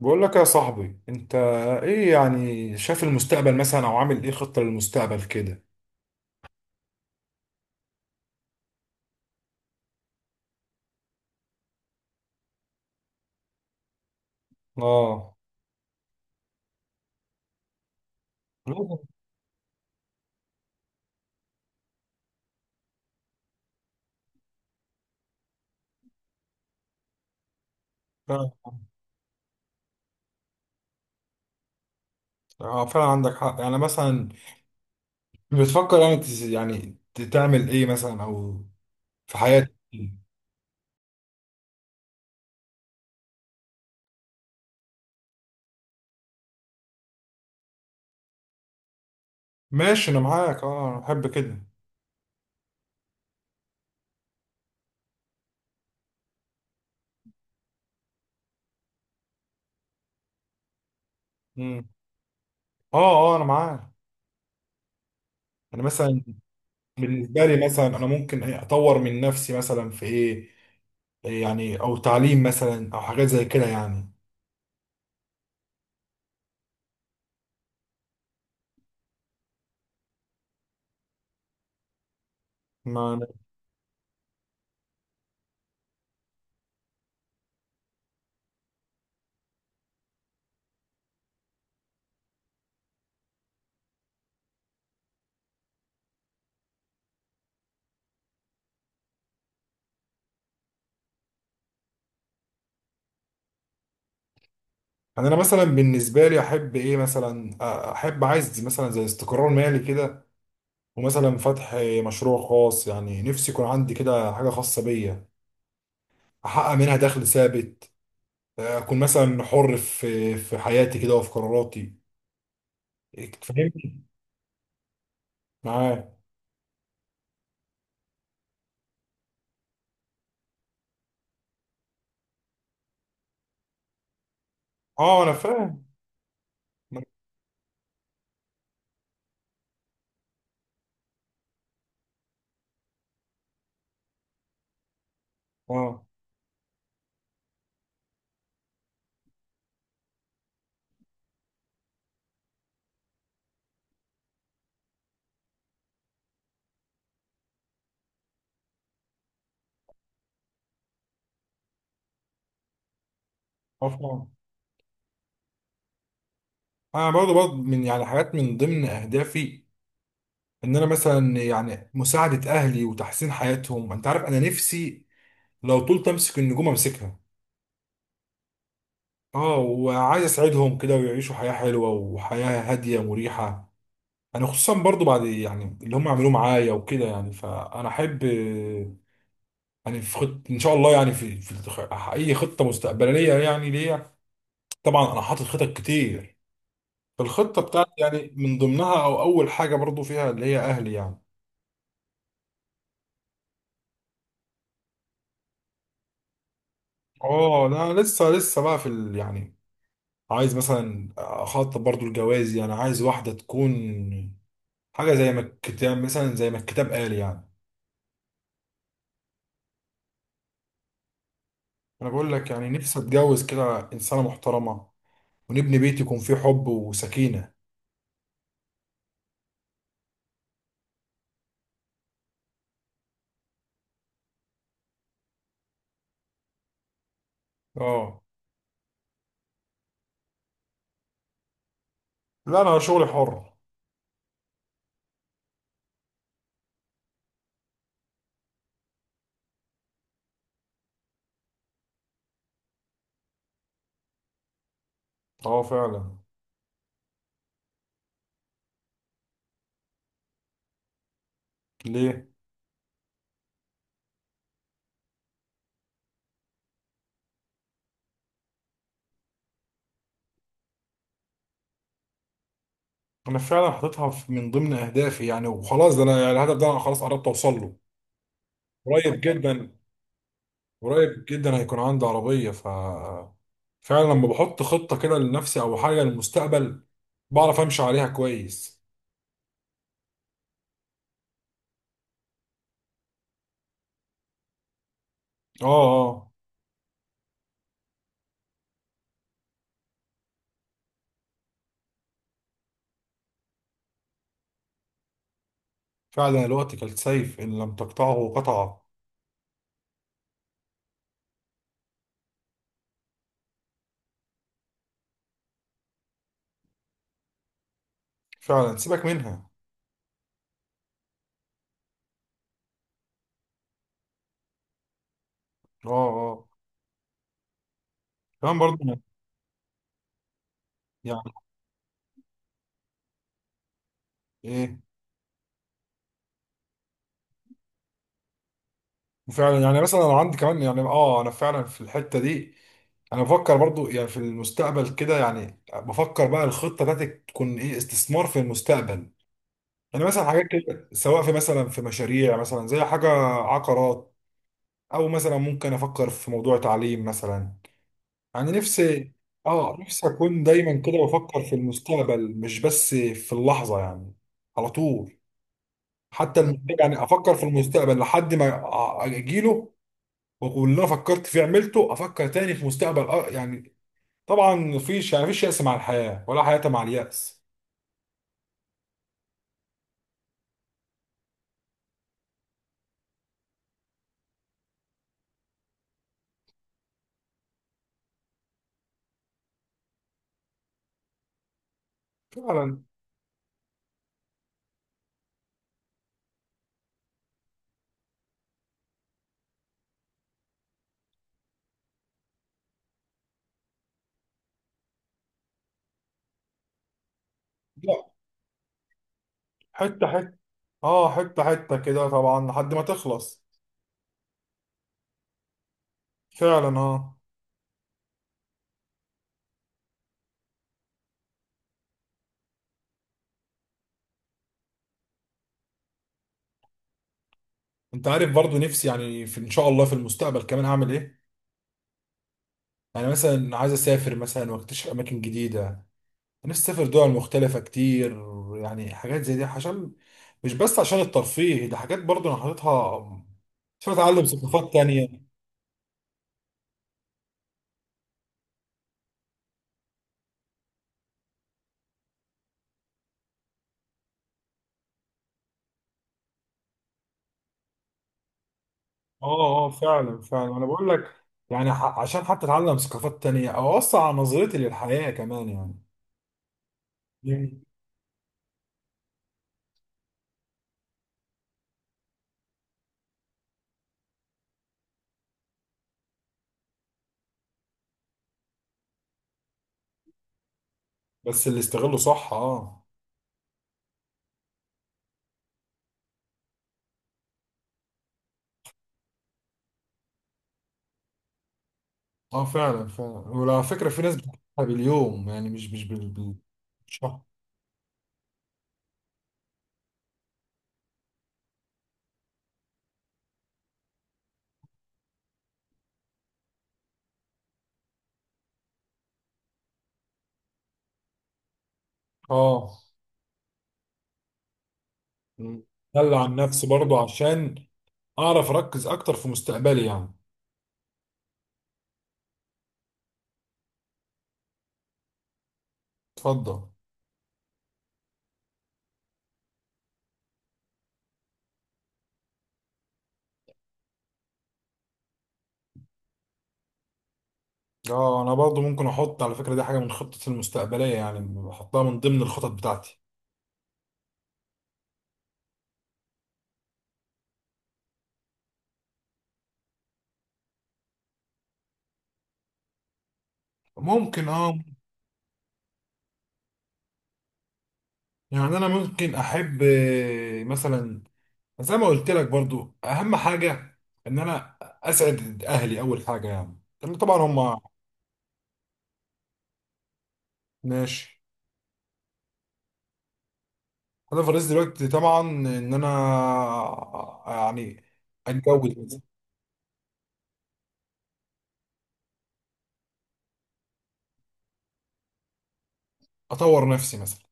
بقول لك يا صاحبي، انت ايه يعني؟ شايف المستقبل مثلا، او عامل ايه خطة للمستقبل كده؟ اه، لازم. فعلا، فعلا عندك حق يعني، مثلا بتفكر يعني تعمل ايه مثلا، او في حياتك إيه؟ ماشي، انا معاك. اه، انا بحب كده. امم. اه، اه، انا معاك. يعني مثلا بالنسبه لي مثلا، انا ممكن إيه؟ اطور من نفسي مثلا في ايه؟ إيه يعني، او تعليم مثلا او حاجات زي كده يعني. ما. يعني انا مثلا بالنسبه لي احب ايه مثلا؟ احب، عايز مثلا زي استقرار مالي كده، ومثلا فتح مشروع خاص، يعني نفسي يكون عندي كده حاجه خاصه بيا، احقق منها دخل ثابت. اكون مثلا حر في حياتي كده، وفي قراراتي. فاهمني؟ معايا. اه، انا فاهم. اه، اه، فاهم. انا برضو من يعني حاجات من ضمن اهدافي، ان انا مثلا يعني مساعده اهلي وتحسين حياتهم. انت عارف، انا نفسي لو طولت امسك النجوم امسكها. اه، وعايز اساعدهم كده ويعيشوا حياة حلوة وحياة هادية مريحة. انا خصوصا برضو بعد يعني اللي هم عملوه معايا وكده يعني، فانا احب. يعني في خط ان شاء الله يعني، اي خطة مستقبلية يعني ليا. طبعا انا حاطط خطط كتير. فالخطة بتاعتي يعني من ضمنها، او اول حاجة برضو فيها اللي هي اهلي يعني. اه، انا لسه لسه بقى في ال يعني، عايز مثلا اخطط برضو الجواز، يعني عايز واحدة تكون حاجة زي ما الكتاب قال يعني. انا بقول لك، يعني نفسي اتجوز كده انسانه محترمه، ونبني بيت يكون فيه حب وسكينه. اه. لا، انا شغلي حر. اه، فعلا. ليه؟ انا فعلا حاططها من ضمن اهدافي يعني، وخلاص ده انا يعني الهدف ده انا خلاص قربت اوصل له. قريب جدا. قريب جدا، هيكون عندي عربيه. ف فعلا لما بحط خطه كده لنفسي او حاجه للمستقبل، بعرف امشي عليها كويس. اه، اه، فعلا، الوقت كالسيف ان لم تقطعه قطعه. فعلا، سيبك منها. اه، اه، كمان برضه. يعني ايه؟ وفعلا يعني مثلا انا عندي كمان، يعني اه انا فعلا في الحته دي. انا بفكر برضو يعني في المستقبل كده، يعني بفكر بقى الخطه بتاعتي تكون ايه، استثمار في المستقبل. يعني مثلا حاجات كده، سواء في مثلا في مشاريع مثلا زي حاجه عقارات، او مثلا ممكن افكر في موضوع تعليم مثلا. يعني نفسي، اه نفسي اكون دايما كده بفكر في المستقبل مش بس في اللحظه يعني. على طول. حتى يعني افكر في المستقبل لحد ما اجيله، واللي انا فكرت فيه عملته افكر تاني في مستقبل يعني. طبعا مفيش يأس مع الحياة ولا حياة مع اليأس. فعلا. لا. حتة حتة. اه، حتة حتة كده طبعا لحد ما تخلص. فعلا، اه. انت عارف، برضو نفسي يعني في ان شاء الله في المستقبل كمان اعمل ايه؟ يعني مثلا عايز اسافر مثلا، واكتشف اماكن جديدة. نفسي اسافر دول مختلفة كتير. يعني حاجات زي دي، عشان مش بس عشان الترفيه، ده حاجات برضو انا حاططها عشان اتعلم ثقافات تانية. اه، اه، فعلا، فعلا انا بقول لك يعني، عشان حتى اتعلم ثقافات تانية او اوسع على نظرتي للحياة كمان يعني. مم. بس اللي استغله صح، اه. اه، فعلا، فعلا. وعلى فكرة في ناس بتحبها باليوم يعني، مش بالشهر. اه. مم. دلع عن نفسي برضو عشان اعرف اركز اكتر في مستقبلي يعني. اتفضل. اه، انا برضو ممكن احط على فكرة، دي حاجة من خطتي المستقبلية، يعني بحطها من ضمن الخطط بتاعتي. ممكن، اه. يعني انا ممكن احب مثلا، زي ما قلت لك برضو، اهم حاجه ان انا اسعد اهلي اول حاجه، يعني لان طبعا هم. ماشي. انا في الرئيس دلوقتي طبعا، ان انا يعني اتجوز مثلا، اطور نفسي مثلا.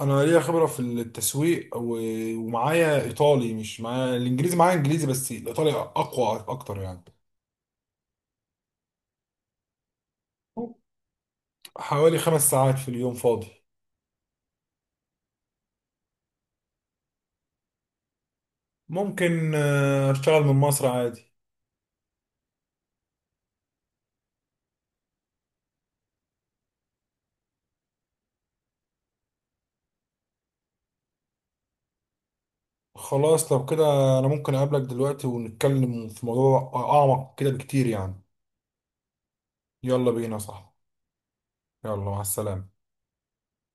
انا ليا خبره في التسويق، ومعايا ايطالي. مش معايا الانجليزي، معايا انجليزي بس الايطالي اقوى اكتر يعني. حوالي 5 ساعات في اليوم فاضي. ممكن اشتغل من مصر عادي. خلاص، لو كده انا ممكن اقابلك دلوقتي ونتكلم في موضوع اعمق كده بكتير يعني. يلا بينا، صح. يلا، مع السلامة.